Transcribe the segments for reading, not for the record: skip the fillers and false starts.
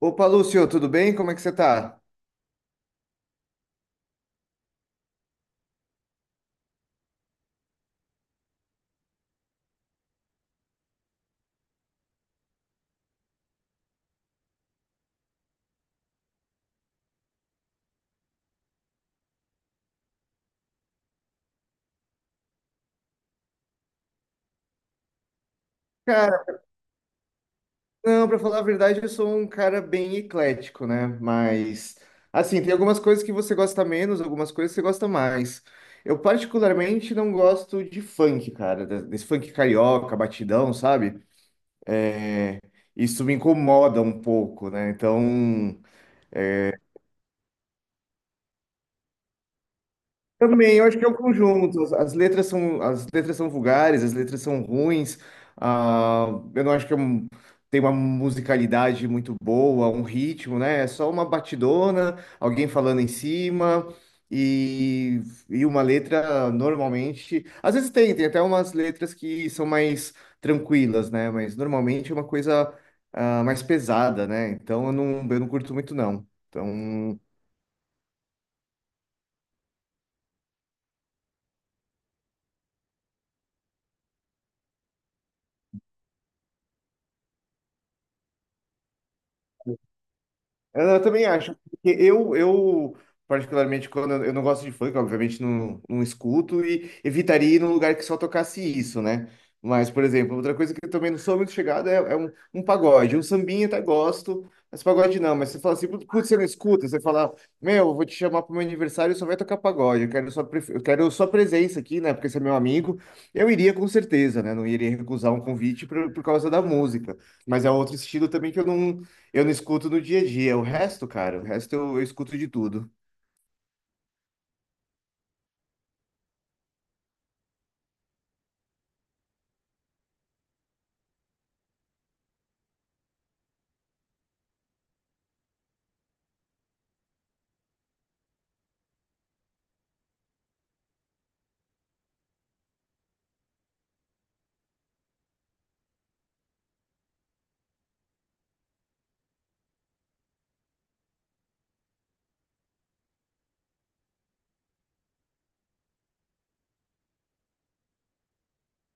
Opa, Lúcio, tudo bem? Como é que você tá? Cara, não, pra falar a verdade, eu sou um cara bem eclético, né? Mas, assim, tem algumas coisas que você gosta menos, algumas coisas que você gosta mais. Eu particularmente não gosto de funk, cara, desse funk carioca, batidão, sabe? É, isso me incomoda um pouco, né? Então. Também, eu acho que é o conjunto. As letras são, as letras são vulgares, as letras são ruins. ah, eu não acho que é tem uma musicalidade muito boa, um ritmo, né? É só uma batidona, alguém falando em cima e, e uma letra normalmente. Às vezes tem, tem até umas letras que são mais tranquilas, né? Mas normalmente é uma coisa mais pesada, né? Então eu não curto muito, não. Então. Eu também acho. Porque particularmente, quando eu não gosto de funk, obviamente não, não escuto e evitaria ir num lugar que só tocasse isso, né? Mas, por exemplo, outra coisa que eu também não sou muito chegado é, é um, um pagode. Um sambinha até gosto, mas pagode não. Mas você fala assim, putz, você não escuta? Você fala, meu, eu vou te chamar pro meu aniversário e só vai tocar pagode. Eu quero sua, eu quero sua presença aqui, né? Porque você é meu amigo. Eu iria com certeza, né? Não iria recusar um convite por causa da música. Mas é outro estilo também que eu não. Eu não escuto no dia a dia. O resto, cara, o resto eu escuto de tudo.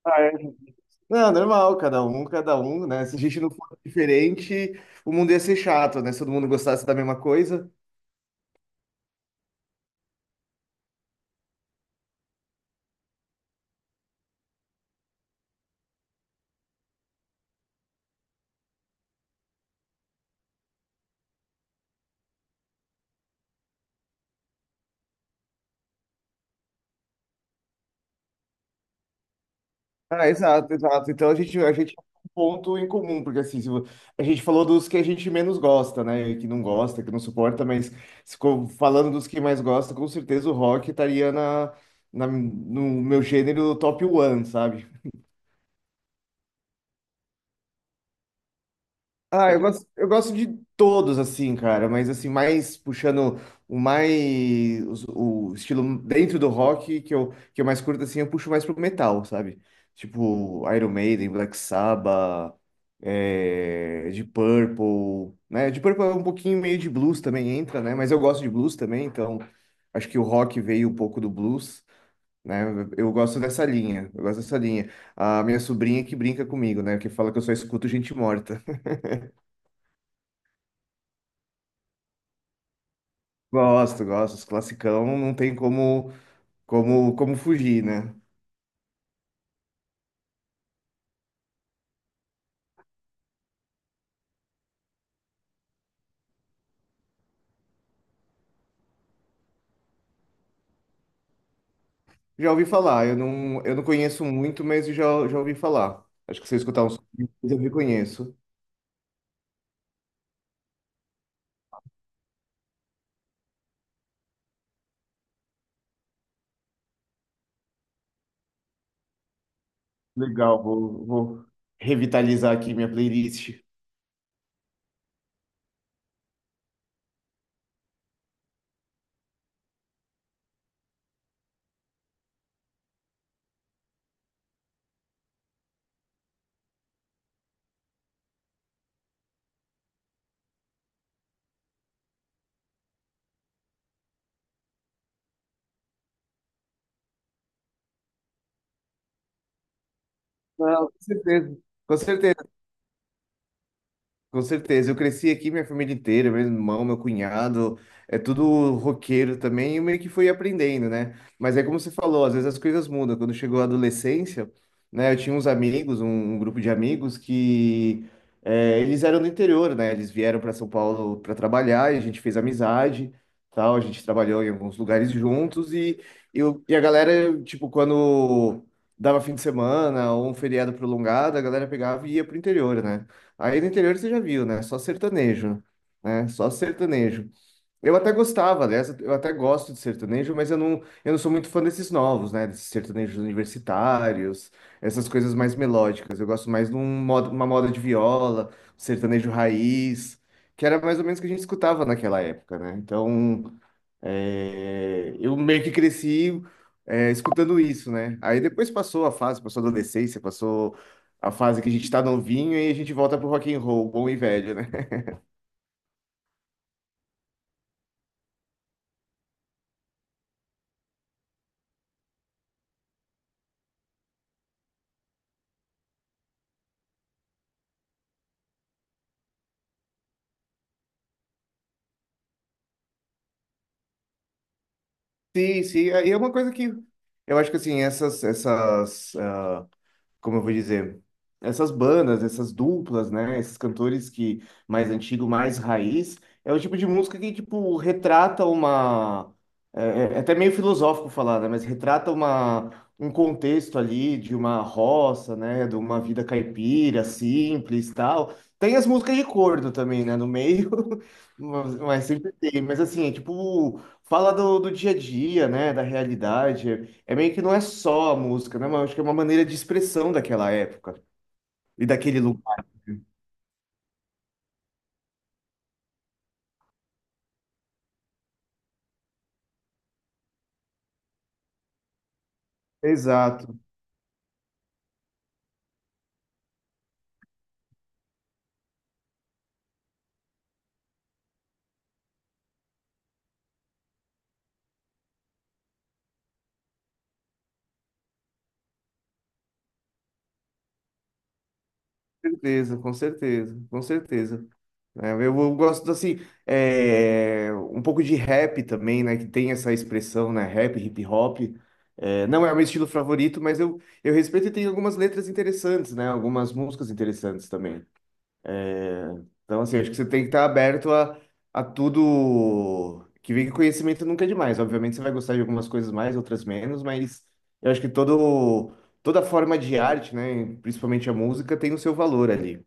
Ah, é. Não, normal, cada um, né? Se a gente não fosse diferente, o mundo ia ser chato, né? Se todo mundo gostasse da mesma coisa. Ah, exato, exato. Então a gente tem um ponto em comum, porque assim, se vo- a gente falou dos que a gente menos gosta, né? Que não gosta, que não suporta, mas se co- falando dos que mais gosta, com certeza o rock estaria na, no meu gênero top one, sabe? Ah, eu gosto de todos, assim, cara, mas assim, mais puxando o mais o estilo dentro do rock que eu mais curto, assim, eu puxo mais pro metal, sabe? Tipo, Iron Maiden, Black Sabbath, é, Deep Purple, né? Deep Purple é um pouquinho meio de blues também entra, né? Mas eu gosto de blues também, então acho que o rock veio um pouco do blues. Né? Eu gosto dessa linha, eu gosto dessa linha. A minha sobrinha que brinca comigo, né? Que fala que eu só escuto gente morta. Gosto, gosto. Os classicão não tem como, como, como fugir, né? Já ouvi falar, eu não conheço muito, mas eu já, já ouvi falar. Acho que se eu escutar uns pouquinhos, eu reconheço. Legal, vou, vou revitalizar aqui minha playlist. Não, com certeza. Com certeza. Com certeza, eu cresci aqui, minha família inteira, meu irmão, meu cunhado, é tudo roqueiro também, e eu meio que fui aprendendo, né? Mas é como você falou, às vezes as coisas mudam. Quando chegou a adolescência, né, eu tinha uns amigos, um grupo de amigos que é, eles eram do interior, né? Eles vieram para São Paulo para trabalhar, e a gente fez amizade, tal, a gente trabalhou em alguns lugares juntos, e, eu, e a galera, tipo, quando dava fim de semana ou um feriado prolongado, a galera pegava e ia pro interior, né? Aí no interior você já viu, né? Só sertanejo, né? Só sertanejo. Eu até gostava, aliás, eu até gosto de sertanejo, mas eu não sou muito fã desses novos, né? Desses sertanejos universitários, essas coisas mais melódicas. Eu gosto mais de uma moda de viola, sertanejo raiz, que era mais ou menos o que a gente escutava naquela época, né? Então, é, eu meio que cresci é, escutando isso, né? Aí depois passou a fase, passou a adolescência, passou a fase que a gente tá novinho e a gente volta pro rock and roll, bom e velho, né? Sim, sim. Aí é uma coisa que eu acho que assim, essas, essas como eu vou dizer, essas bandas, essas duplas, né? Esses cantores que mais antigo, mais raiz, é o tipo de música que, tipo, retrata uma. É, é até meio filosófico falar, né? Mas retrata uma, um contexto ali de uma roça, né? De uma vida caipira, simples, tal. Tem as músicas de corno também, né? No meio, mas sempre tem. Mas assim, é tipo, fala do, do dia a dia, né? Da realidade. É, é meio que não é só a música, né? Mas acho que é uma maneira de expressão daquela época e daquele lugar. Exato, com certeza, com certeza, com certeza. É, eu gosto assim, é, um pouco de rap também, né? Que tem essa expressão, né? Rap, hip hop. É, não é o meu estilo favorito, mas eu respeito e tem algumas letras interessantes, né? Algumas músicas interessantes também. Então, assim, acho que você tem que estar aberto a tudo que vem que conhecimento nunca é demais. Obviamente, você vai gostar de algumas coisas mais, outras menos, mas eu acho que todo, toda forma de arte, né, principalmente a música, tem o seu valor ali.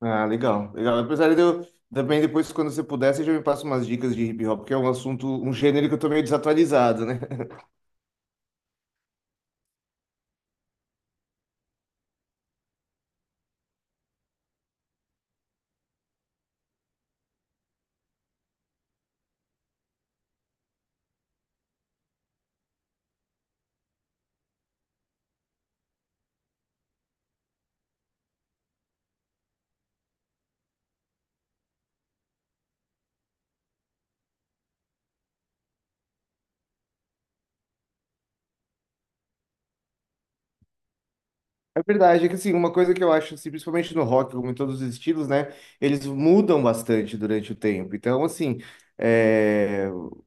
Ah, legal, legal. Apesar de eu também depois, quando você puder, você já me passa umas dicas de hip hop, que é um assunto, um gênero que eu tô meio desatualizado, né? É verdade, é que assim, uma coisa que eu acho, assim, principalmente no rock, como em todos os estilos, né, eles mudam bastante durante o tempo. Então, assim, é,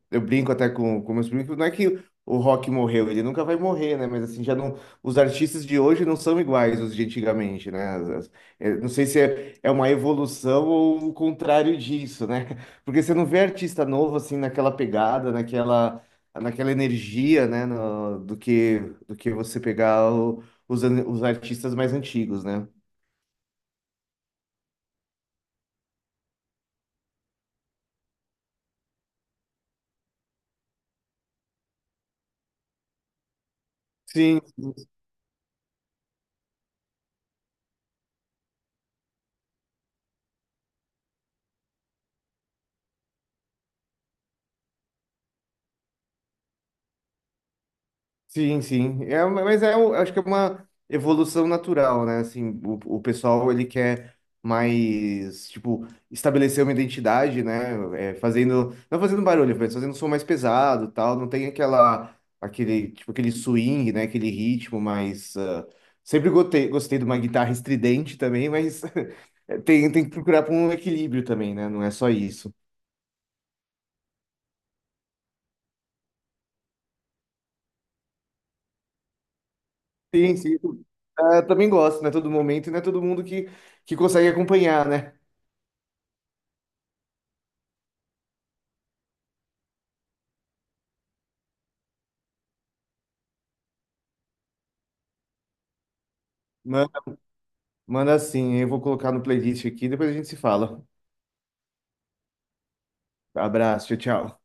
eu brinco até com meus primos, não é que o rock morreu, ele nunca vai morrer, né, mas assim, já não, os artistas de hoje não são iguais os de antigamente, né, é, não sei se é, é uma evolução ou o contrário disso, né, porque você não vê artista novo, assim, naquela pegada, naquela, naquela energia, né, do que você pegar o os artistas mais antigos, né? Sim, sim, sim. É, mas é, eu acho que é uma evolução natural, né? Assim, o pessoal ele quer mais, tipo, estabelecer uma identidade, né? É, fazendo, não fazendo barulho, mas fazendo um som mais pesado, e tal. Não tem aquela, aquele, tipo, aquele swing, né? Aquele ritmo mais. Sempre gostei, gostei de uma guitarra estridente também, mas tem, tem que procurar por um equilíbrio também, né? Não é só isso. Sim, sim. Ah, também gosto, né? Todo momento, né? Todo mundo que consegue acompanhar, né? Manda, manda sim, eu vou colocar no playlist aqui, depois a gente se fala. Abraço, tchau, tchau.